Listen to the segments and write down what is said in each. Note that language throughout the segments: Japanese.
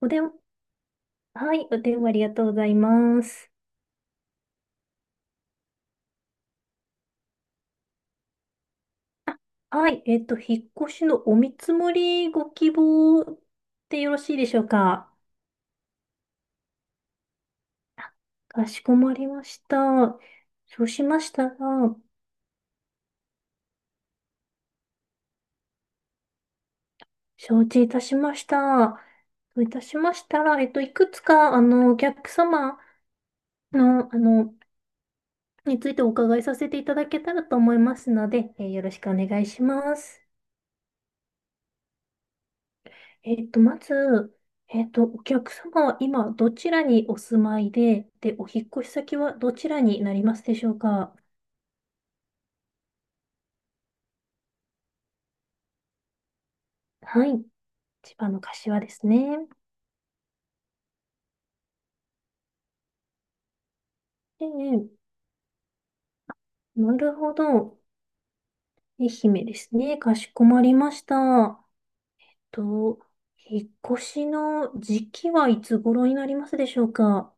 お電、はい、お電話ありがとうございます。はい、引っ越しのお見積もりご希望でよろしいでしょうか。かしこまりました。そうしましたら、承知いたしました。そういたしましたら、いくつか、お客様の、についてお伺いさせていただけたらと思いますので、よろしくお願いします。まず、お客様は今どちらにお住まいで、で、お引っ越し先はどちらになりますでしょうか？はい。千葉の柏ですね。ええ、なるほど。愛媛ですね。かしこまりました。と、引っ越しの時期はいつ頃になりますでしょうか？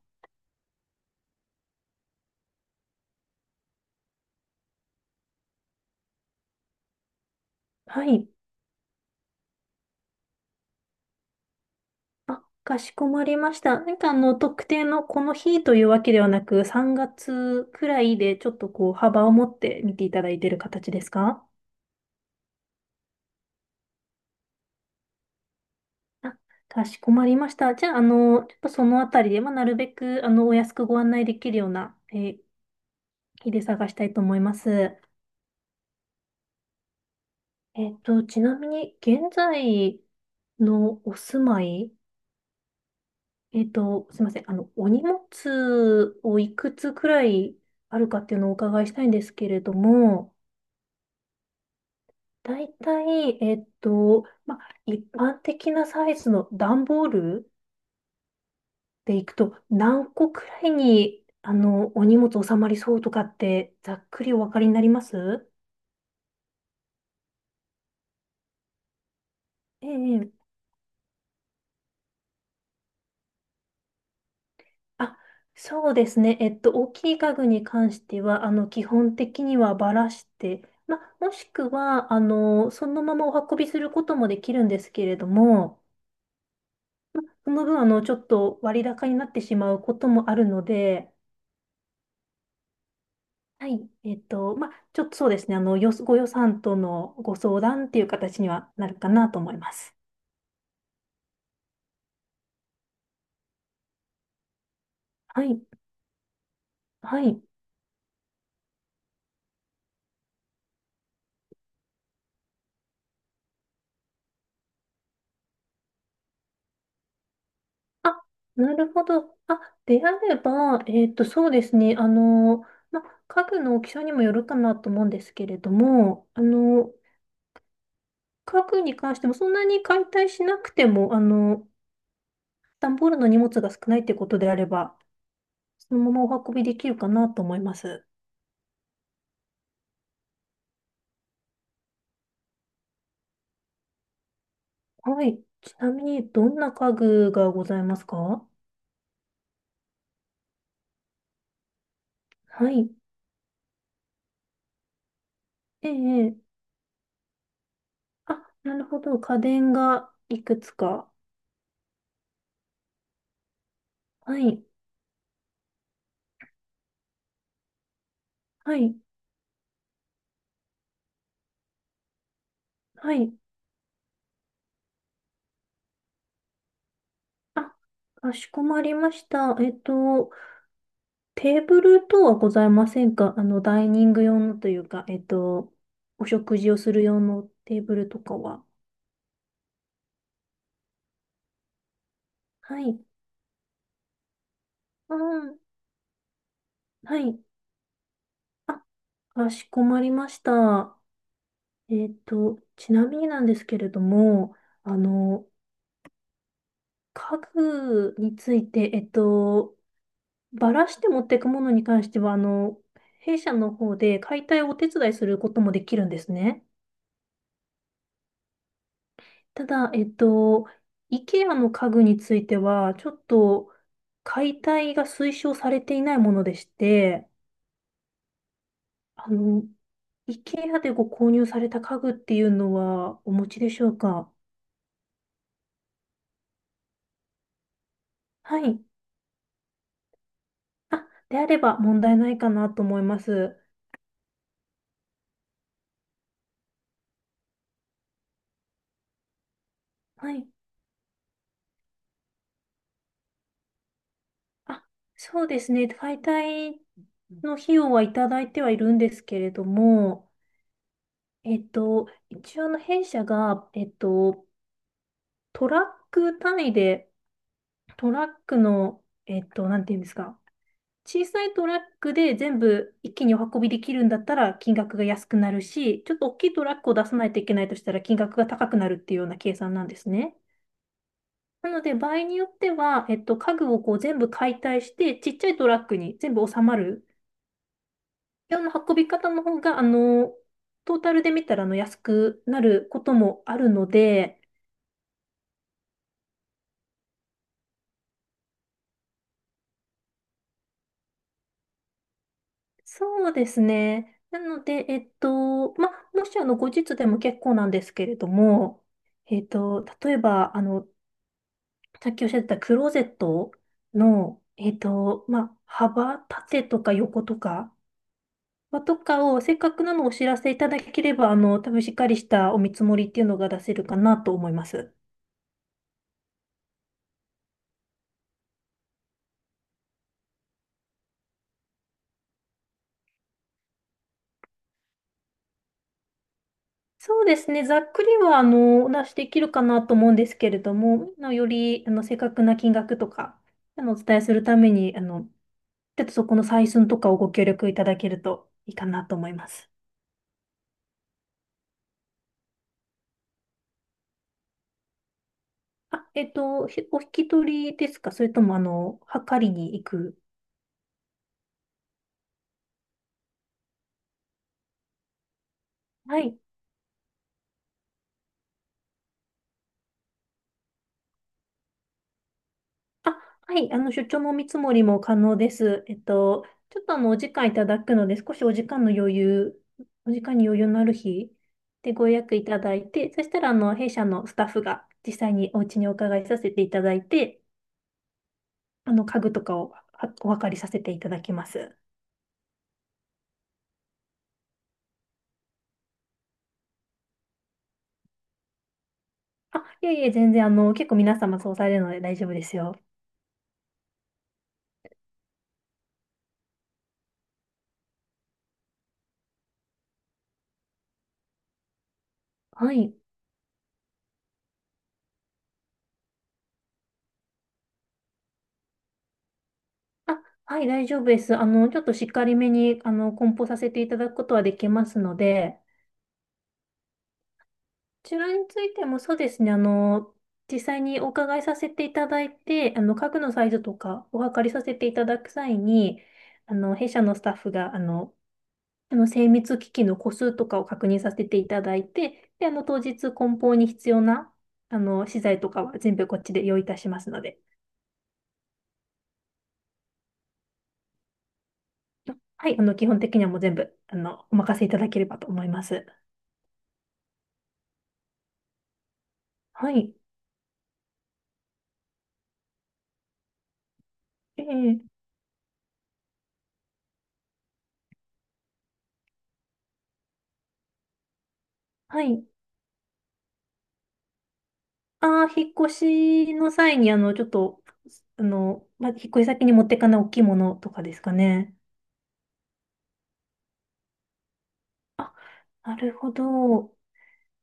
はい。あ、かしこまりました。なんか特定のこの日というわけではなく、3月くらいでちょっとこう、幅を持って見ていただいている形ですか？あ、かしこまりました。じゃあ、ちょっとそのあたりで、まあ、なるべく、お安くご案内できるような、日で探したいと思います。ちなみに、現在のお住まい、すいません。お荷物をいくつくらいあるかっていうのをお伺いしたいんですけれども、大体、まあ、一般的なサイズの段ボールでいくと、何個くらいに、お荷物収まりそうとかって、ざっくりお分かりになります？ええ。あ、そうですね。大きい家具に関しては、基本的にはばらして、まあ、もしくは、そのままお運びすることもできるんですけれども、その分、ちょっと割高になってしまうこともあるので、はい。まあ、ちょっとそうですね。ご予算とのご相談っていう形にはなるかなと思います。はい。はい。あ、なるほど。あ、であれば、そうですね。まあ、家具の大きさにもよるかなと思うんですけれども、家具に関してもそんなに解体しなくても、段ボールの荷物が少ないってことであれば、そのままお運びできるかなと思います。はい。ちなみに、どんな家具がございますか？はい。ええ、ええ。あ、なるほど。家電がいくつか。はい、はい、はい。あ、かしこまりました。テーブル等はございませんか？ダイニング用のというか、お食事をする用のテーブルとかは。はい、うん、はい。あ、かしこまりました。ちなみになんですけれども、あの、家具について、バラして持っていくものに関しては、弊社の方で解体をお手伝いすることもできるんですね。ただ、IKEA の家具については、ちょっと解体が推奨されていないものでして、あの、IKEA でご購入された家具っていうのはお持ちでしょうか？はい。あ、であれば問題ないかなと思います。はい。あ、そうですね。解体の費用はいただいてはいるんですけれども、一応弊社が、トラック単位で、トラックの、なんていうんですか、小さいトラックで全部一気にお運びできるんだったら金額が安くなるし、ちょっと大きいトラックを出さないといけないとしたら金額が高くなるっていうような計算なんですね。なので、場合によっては、家具をこう全部解体して、ちっちゃいトラックに全部収まるような運び方の方が、トータルで見たら安くなることもあるので、そうですね。なので、まあ、もし後日でも結構なんですけれども、例えば、さっきおっしゃってたクローゼットの、まあ、幅、縦とか横とか、とかを、せっかくなのをお知らせいただければ、多分しっかりしたお見積もりっていうのが出せるかなと思います。そうですね。ざっくりは、お出しできるかなと思うんですけれども、より、正確な金額とか、お伝えするために、ちょっとそこの採寸とかをご協力いただけるといいかなと思います。あ、お引き取りですか？それとも、測りに行く。はい。あ、はい。出張も見積もりも可能です。ちょっとお時間いただくので、少しお時間の余裕、お時間に余裕のある日でご予約いただいて、そしたら、弊社のスタッフが実際にお家にお伺いさせていただいて、家具とかをはお分かりさせていただきます。あ、いえいえ、全然、結構皆様そうされるので大丈夫ですよ。はい。あ、はい、大丈夫です。ちょっとしっかりめに、梱包させていただくことはできますので、こちらについてもそうですね、実際にお伺いさせていただいて、家具のサイズとかお測りさせていただく際に、弊社のスタッフが、精密機器の個数とかを確認させていただいて、で、当日梱包に必要な、資材とかは全部こっちで用意いたしますので。はい、基本的にはもう全部、お任せいただければと思います。はい。ええ、はい。ああ、引っ越しの際に、ちょっと、まあ、引っ越し先に持ってかない大きいものとかですかね？あ、なるほど。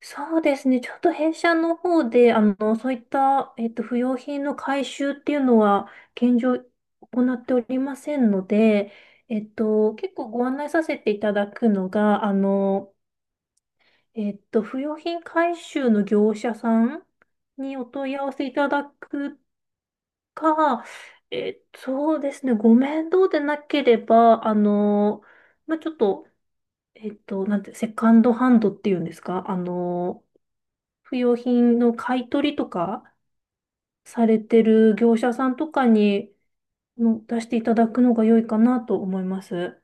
そうですね。ちょっと弊社の方で、そういった、不用品の回収っていうのは、現状、行っておりませんので、結構ご案内させていただくのが、不用品回収の業者さんにお問い合わせいただくか、そうですね、ご面倒でなければ、まあ、ちょっと、なんて、セカンドハンドっていうんですか、不用品の買い取りとかされてる業者さんとかにの出していただくのが良いかなと思います。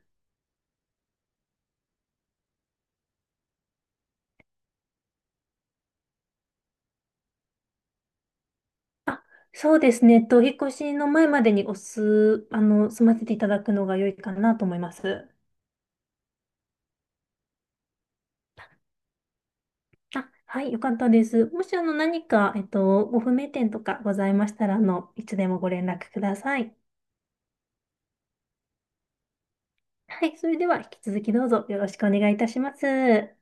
そうですね、お引っ越しの前までにおす、あの、済ませていただくのが良いかなと思います。あ、はい、よかったです。もし、何か、ご不明点とかございましたら、いつでもご連絡ください。はい、それでは、引き続きどうぞよろしくお願いいたします。